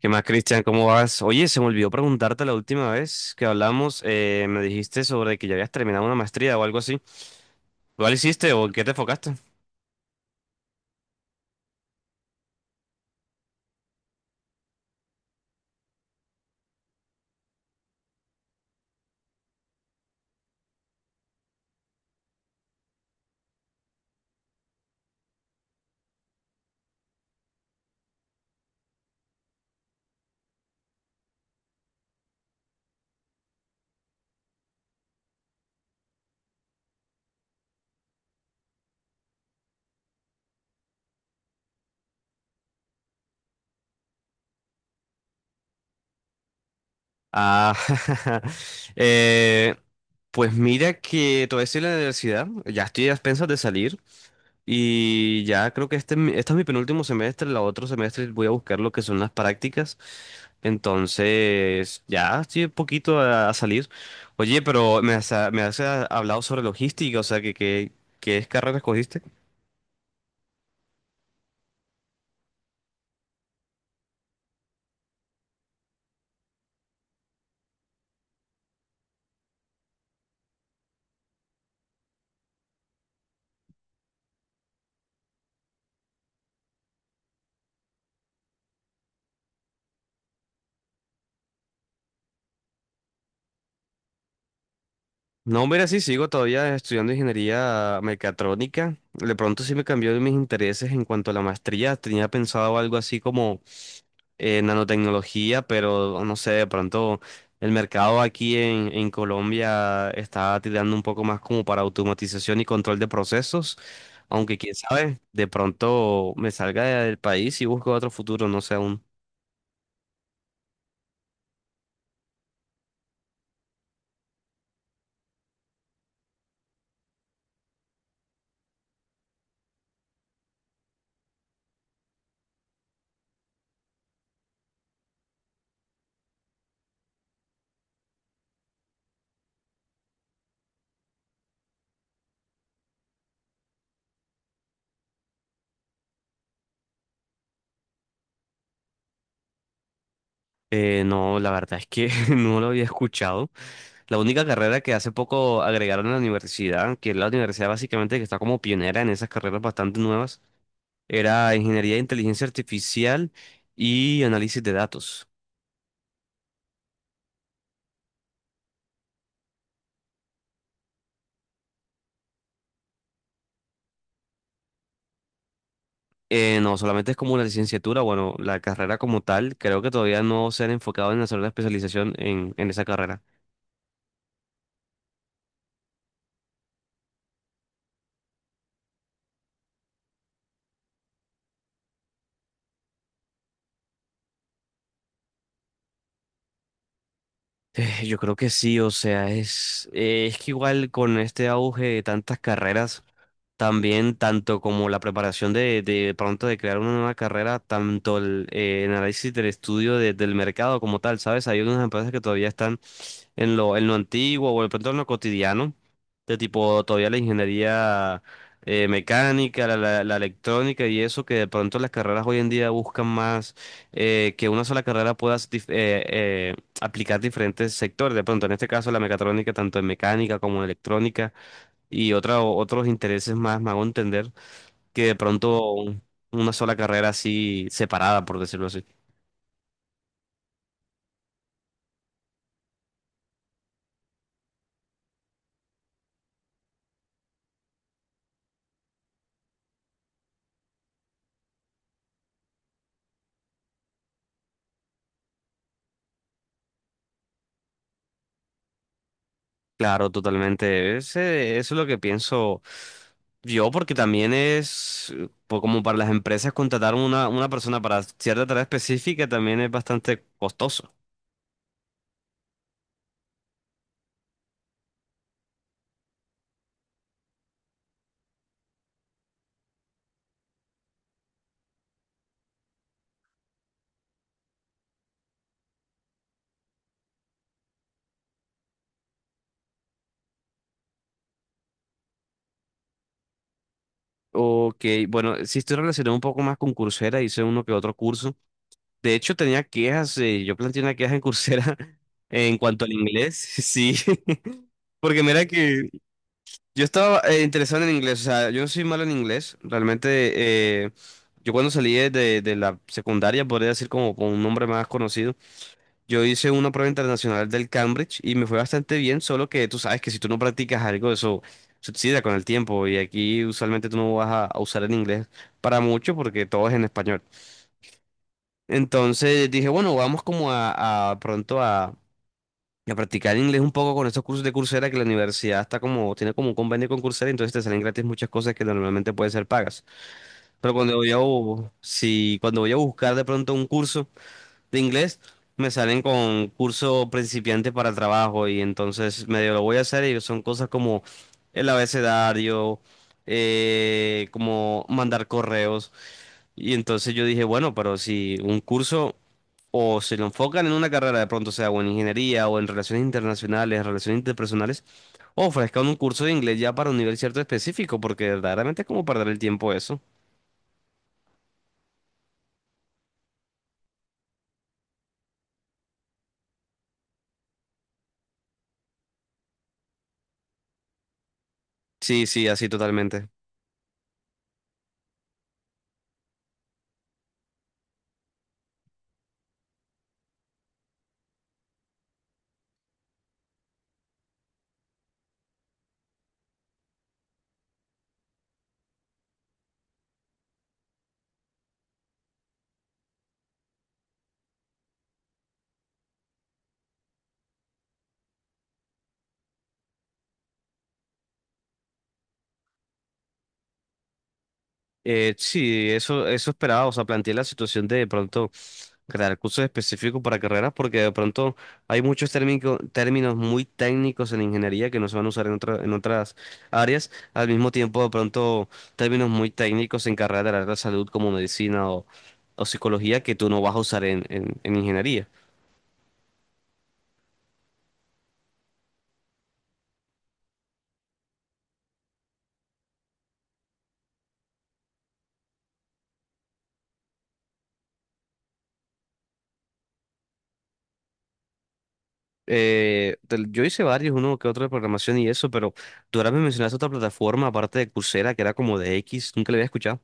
¿Qué más, Cristian? ¿Cómo vas? Oye, se me olvidó preguntarte la última vez que hablamos, me dijiste sobre que ya habías terminado una maestría o algo así. ¿Cuál hiciste o en qué te enfocaste? Ah, eh, pues mira que todavía estoy en la universidad, ya estoy a expensas de salir, y ya creo que este es mi penúltimo semestre, el otro semestre voy a buscar lo que son las prácticas. Entonces, ya estoy un poquito a salir. Oye, pero me has hablado sobre logística, o sea, que, ¿qué carrera escogiste? No, mira, sí, sigo todavía estudiando ingeniería mecatrónica. De pronto sí me cambió mis intereses en cuanto a la maestría. Tenía pensado algo así como nanotecnología, pero no sé, de pronto el mercado aquí en Colombia está tirando un poco más como para automatización y control de procesos. Aunque quién sabe, de pronto me salga del país y busco otro futuro, no sé aún. No, la verdad es que no lo había escuchado. La única carrera que hace poco agregaron a la universidad, que es la universidad básicamente que está como pionera en esas carreras bastante nuevas, era Ingeniería de Inteligencia Artificial y Análisis de Datos. No, solamente es como una licenciatura, bueno, la carrera como tal, creo que todavía no se han enfocado en hacer la especialización en esa carrera. Yo creo que sí, o sea, es que igual con este auge de tantas carreras también, tanto como la preparación de pronto de crear una nueva carrera, tanto el análisis del estudio del mercado como tal, ¿sabes? Hay unas empresas que todavía están en lo antiguo o de pronto en lo cotidiano, de tipo todavía la ingeniería mecánica, la electrónica y eso, que de pronto las carreras hoy en día buscan más que una sola carrera pueda aplicar diferentes sectores. De pronto, en este caso, la mecatrónica, tanto en mecánica como en electrónica otros intereses más, me hago entender, que de pronto una sola carrera así separada, por decirlo así. Claro, totalmente. Eso es lo que pienso yo, porque también es como para las empresas contratar una persona para cierta tarea específica también es bastante costoso. Ok, bueno, sí estoy relacionado un poco más con Coursera, hice uno que otro curso. De hecho, tenía quejas, yo planteé una queja en Coursera en cuanto al inglés, sí, porque mira que yo estaba interesado en el inglés, o sea, yo no soy malo en inglés, realmente yo cuando salí de la secundaria, podría decir como con un nombre más conocido, yo hice una prueba internacional del Cambridge y me fue bastante bien, solo que tú sabes que si tú no practicas algo, eso suicida con el tiempo y aquí usualmente tú no vas a usar el inglés para mucho porque todo es en español. Entonces dije, bueno, vamos como a pronto a practicar inglés un poco con estos cursos de Coursera que la universidad está como, tiene como un convenio con Coursera, entonces te salen gratis muchas cosas que normalmente pueden ser pagas. Pero cuando voy a, bu- si, cuando voy a buscar de pronto un curso de inglés, me salen con curso principiante para trabajo y entonces medio lo voy a hacer y son cosas como el abecedario, como mandar correos. Y entonces yo dije, bueno, pero si un curso o se lo enfocan en una carrera de pronto, sea o en ingeniería o en relaciones internacionales, relaciones interpersonales, o ofrezcan un curso de inglés ya para un nivel cierto específico, porque verdaderamente es como perder el tiempo eso. Sí, sí, así totalmente. Sí, eso esperaba, o sea, planteé la situación de pronto crear cursos específicos para carreras porque de pronto hay muchos términos muy técnicos en ingeniería que no se van a usar en en otras áreas, al mismo tiempo de pronto términos muy técnicos en carreras del área de la salud como medicina o psicología que tú no vas a usar en ingeniería. Yo hice varios, uno que otro de programación y eso, pero tú ahora me mencionaste otra plataforma aparte de Coursera que era como de X, nunca le había escuchado.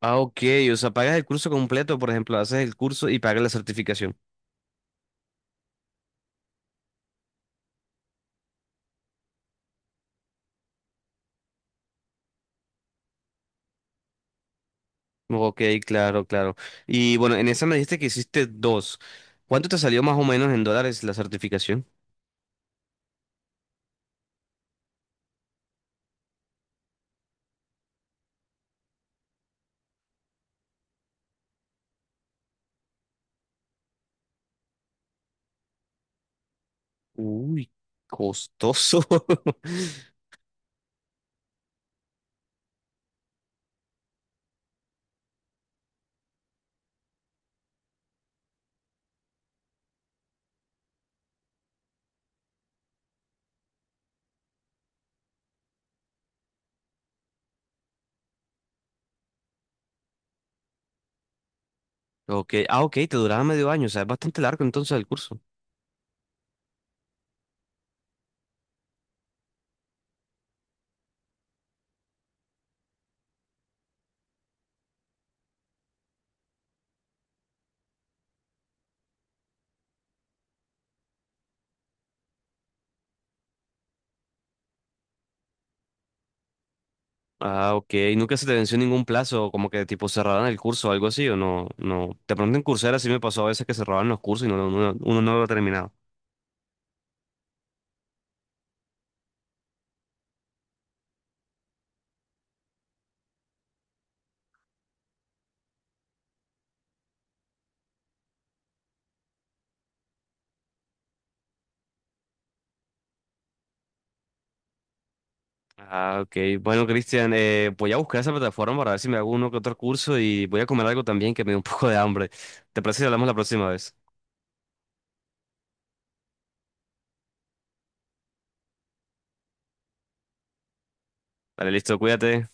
Ah, ok, o sea, pagas el curso completo, por ejemplo, haces el curso y pagas la certificación. Ok, claro, claro. Y bueno, en esa me dijiste que hiciste dos. ¿Cuánto te salió más o menos en dólares la certificación? Uy, costoso. Ok, ah, ok, te duraba medio año, o sea, es bastante largo entonces el curso. Ah, ok, ¿nunca se te venció ningún plazo, como que tipo cerraran el curso o algo así, o no? No, de pronto en Coursera sí me pasó a veces que cerraban los cursos y uno no lo terminaba. Ah, ok. Bueno, Cristian, voy a buscar esa plataforma para ver si me hago uno que otro curso y voy a comer algo también que me dé un poco de hambre. ¿Te parece si hablamos la próxima vez? Dale, listo, cuídate.